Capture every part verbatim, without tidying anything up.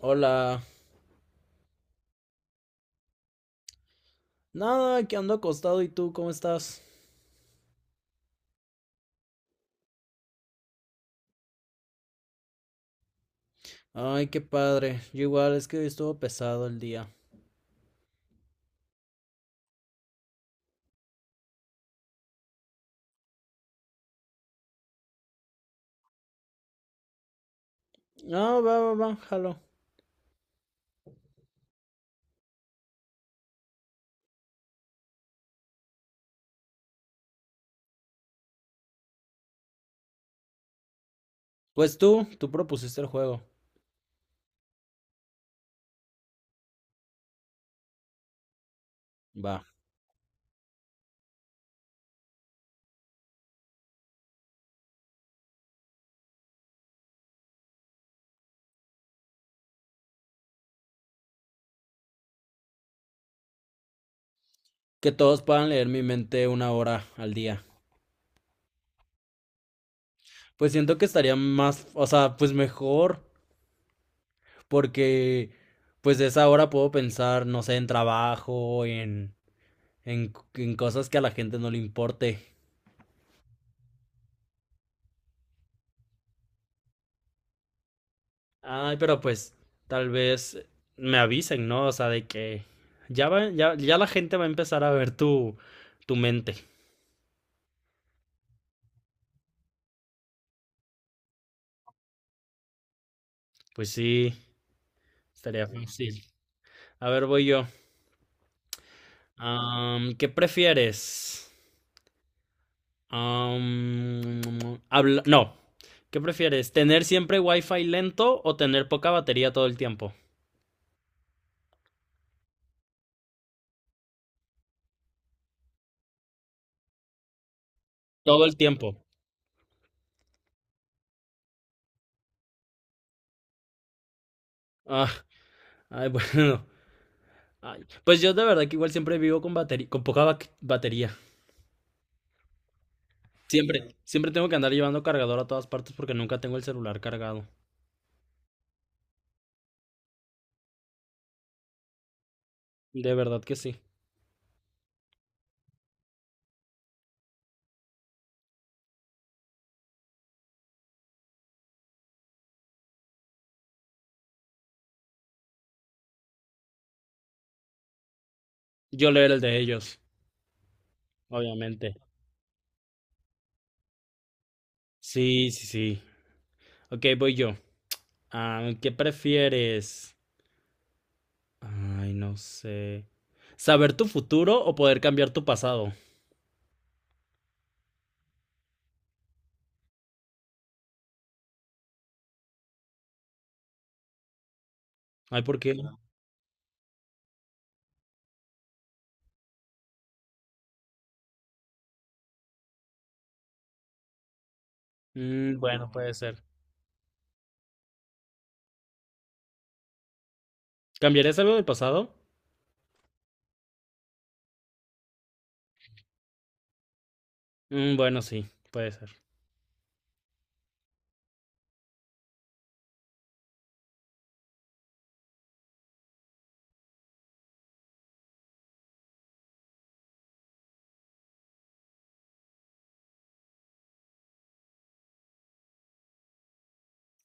Hola. Nada, que ando acostado y tú, ¿cómo estás? Ay, qué padre. Yo igual, es que hoy estuvo pesado el día. Ah, va, va, va, jalo. Pues tú, tú propusiste el juego. Va. Que todos puedan leer mi mente una hora al día. Pues siento que estaría más, o sea, pues mejor, porque pues de esa hora puedo pensar, no sé, en trabajo, en, en, en cosas que a la gente no le importe. Ay, pero pues tal vez me avisen, ¿no? O sea, de que ya va, ya, ya la gente va a empezar a ver tu, tu mente. Pues sí, estaría fácil. A ver, voy yo. Am, ¿qué prefieres? Am, habla- no. ¿Qué prefieres? ¿Tener siempre wifi lento o tener poca batería todo el tiempo? Todo el tiempo. Ah, ay, bueno. Ay, pues yo de verdad que igual siempre vivo con batería, con poca ba- batería. Siempre, siempre tengo que andar llevando cargador a todas partes porque nunca tengo el celular cargado. De verdad que sí. Yo leer el de ellos, obviamente. Sí, sí, sí. Ok, voy yo. Ah, ¿qué prefieres? Ay, no sé. ¿Saber tu futuro o poder cambiar tu pasado? Ay, ¿por qué? Mm, bueno, puede ser. ¿Cambiarías algo del pasado? Mm, bueno, sí, puede ser.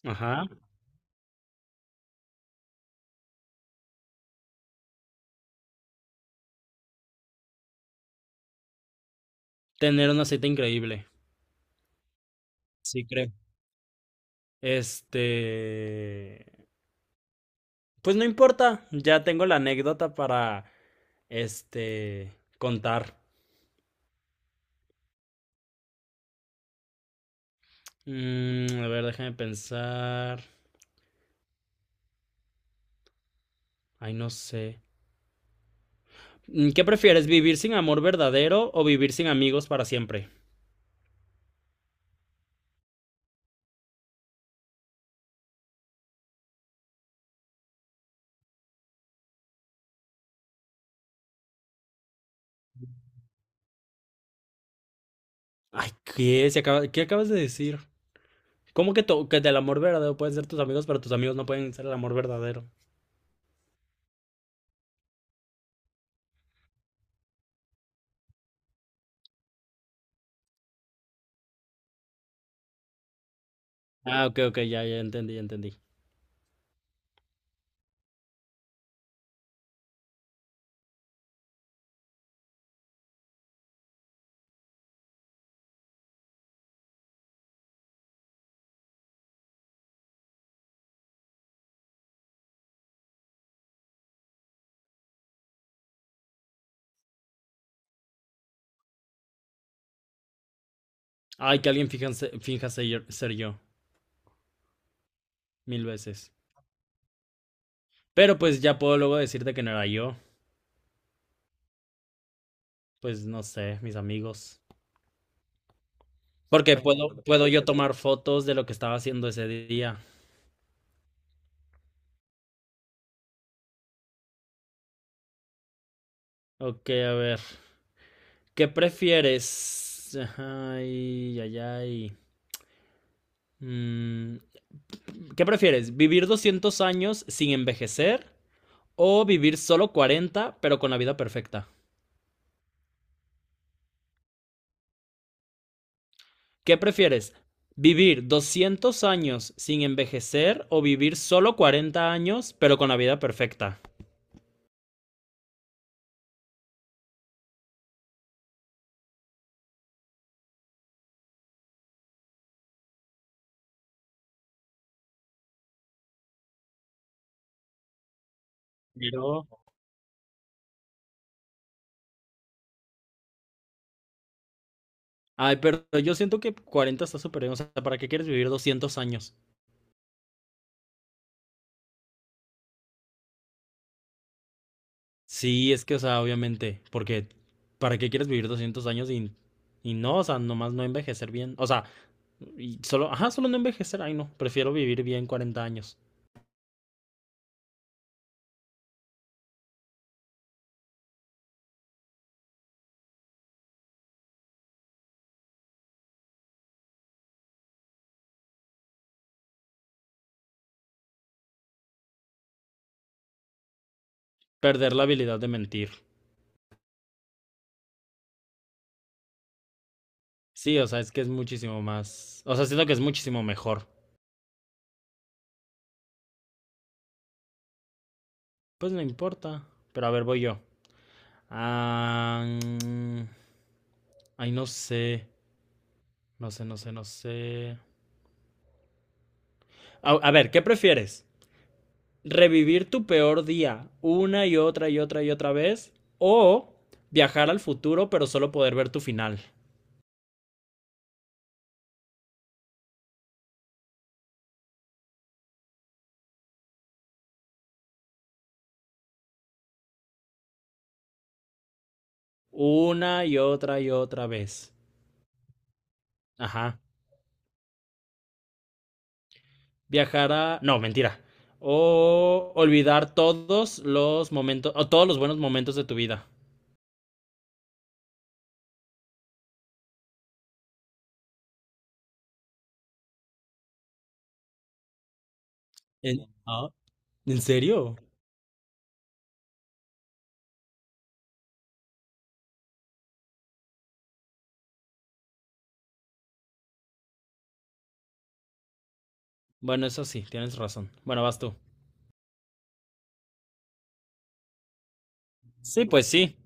Ajá. Tener una cita increíble. Sí, creo. Este. Pues no importa, ya tengo la anécdota para, este, contar. Mm, a ver, déjame pensar. Ay, no sé. Mm, ¿qué prefieres, vivir sin amor verdadero o vivir sin amigos para siempre? Ay, ¿qué? Se acaba- ¿Qué acabas de decir? ¿Cómo que, to- que del amor verdadero pueden ser tus amigos, pero tus amigos no pueden ser el amor verdadero? Ah, ok, ok, ya, ya entendí, ya entendí. Ay, que alguien finja, se- finja ser, ser yo, mil veces. Pero pues ya puedo luego decirte que no era yo. Pues no sé, mis amigos. Porque puedo, puedo yo tomar fotos de lo que estaba haciendo ese día. Ok, a ver. ¿Qué prefieres? Ay, ay, ay. Mm, ¿qué prefieres? ¿Vivir doscientos años sin envejecer o vivir solo cuarenta pero con la vida perfecta? ¿Qué prefieres? ¿Vivir doscientos años sin envejecer o vivir solo cuarenta años pero con la vida perfecta? Pero. Ay, pero yo siento que cuarenta está súper bien. O sea, ¿para qué quieres vivir doscientos años? Sí, es que, o sea, obviamente, porque ¿para qué quieres vivir doscientos años y, y no, o sea, nomás no envejecer bien? O sea, y solo, ajá, solo no envejecer, ay no, prefiero vivir bien cuarenta años, perder la habilidad de mentir. Sí, o sea, es que es muchísimo más, o sea, siento que es muchísimo mejor. Pues no importa, pero a ver, voy yo. Ah, mm, ay, no sé, no sé, no sé, no sé. A, a ver, ¿qué prefieres? Revivir tu peor día una y otra y otra y otra vez o viajar al futuro pero solo poder ver tu final una y otra y otra vez. Ajá. Viajar a. No, mentira. O olvidar todos los momentos o todos los buenos momentos de tu vida. ¿En, ah, ¿en serio? Bueno, eso sí, tienes razón. Bueno, vas tú. Sí, pues sí.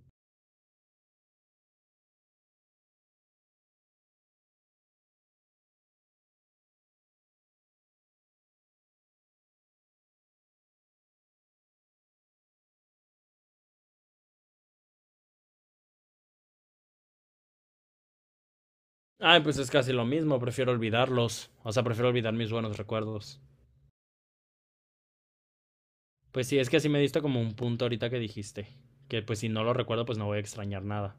Ay, pues es casi lo mismo, prefiero olvidarlos. O sea, prefiero olvidar mis buenos recuerdos. Pues sí, es que así me diste como un punto ahorita que dijiste. Que pues si no lo recuerdo, pues no voy a extrañar nada.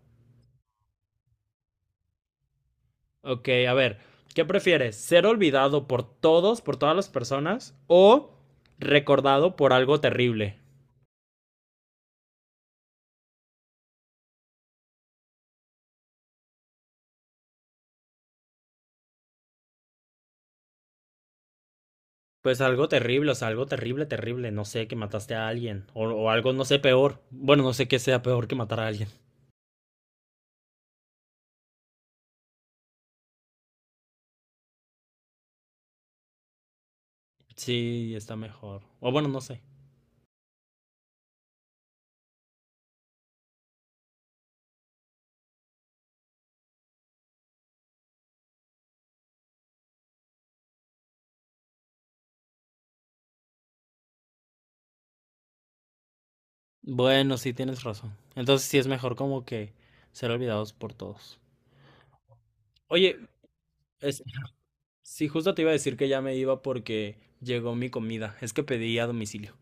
Ok, a ver, ¿qué prefieres? ¿Ser olvidado por todos, por todas las personas? ¿O recordado por algo terrible? Pues algo terrible, o sea, algo terrible, terrible. No sé, que mataste a alguien. O, o algo, no sé, peor. Bueno, no sé qué sea peor que matar a alguien. Sí, está mejor. O bueno, no sé. Bueno, sí, tienes razón. Entonces sí es mejor como que ser olvidados por todos. Oye, es- Sí, justo te iba a decir que ya me iba porque llegó mi comida. Es que pedí a domicilio.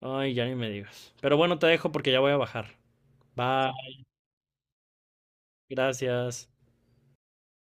Ay, ya ni me digas. Pero bueno, te dejo porque ya voy a bajar. Bye, gracias.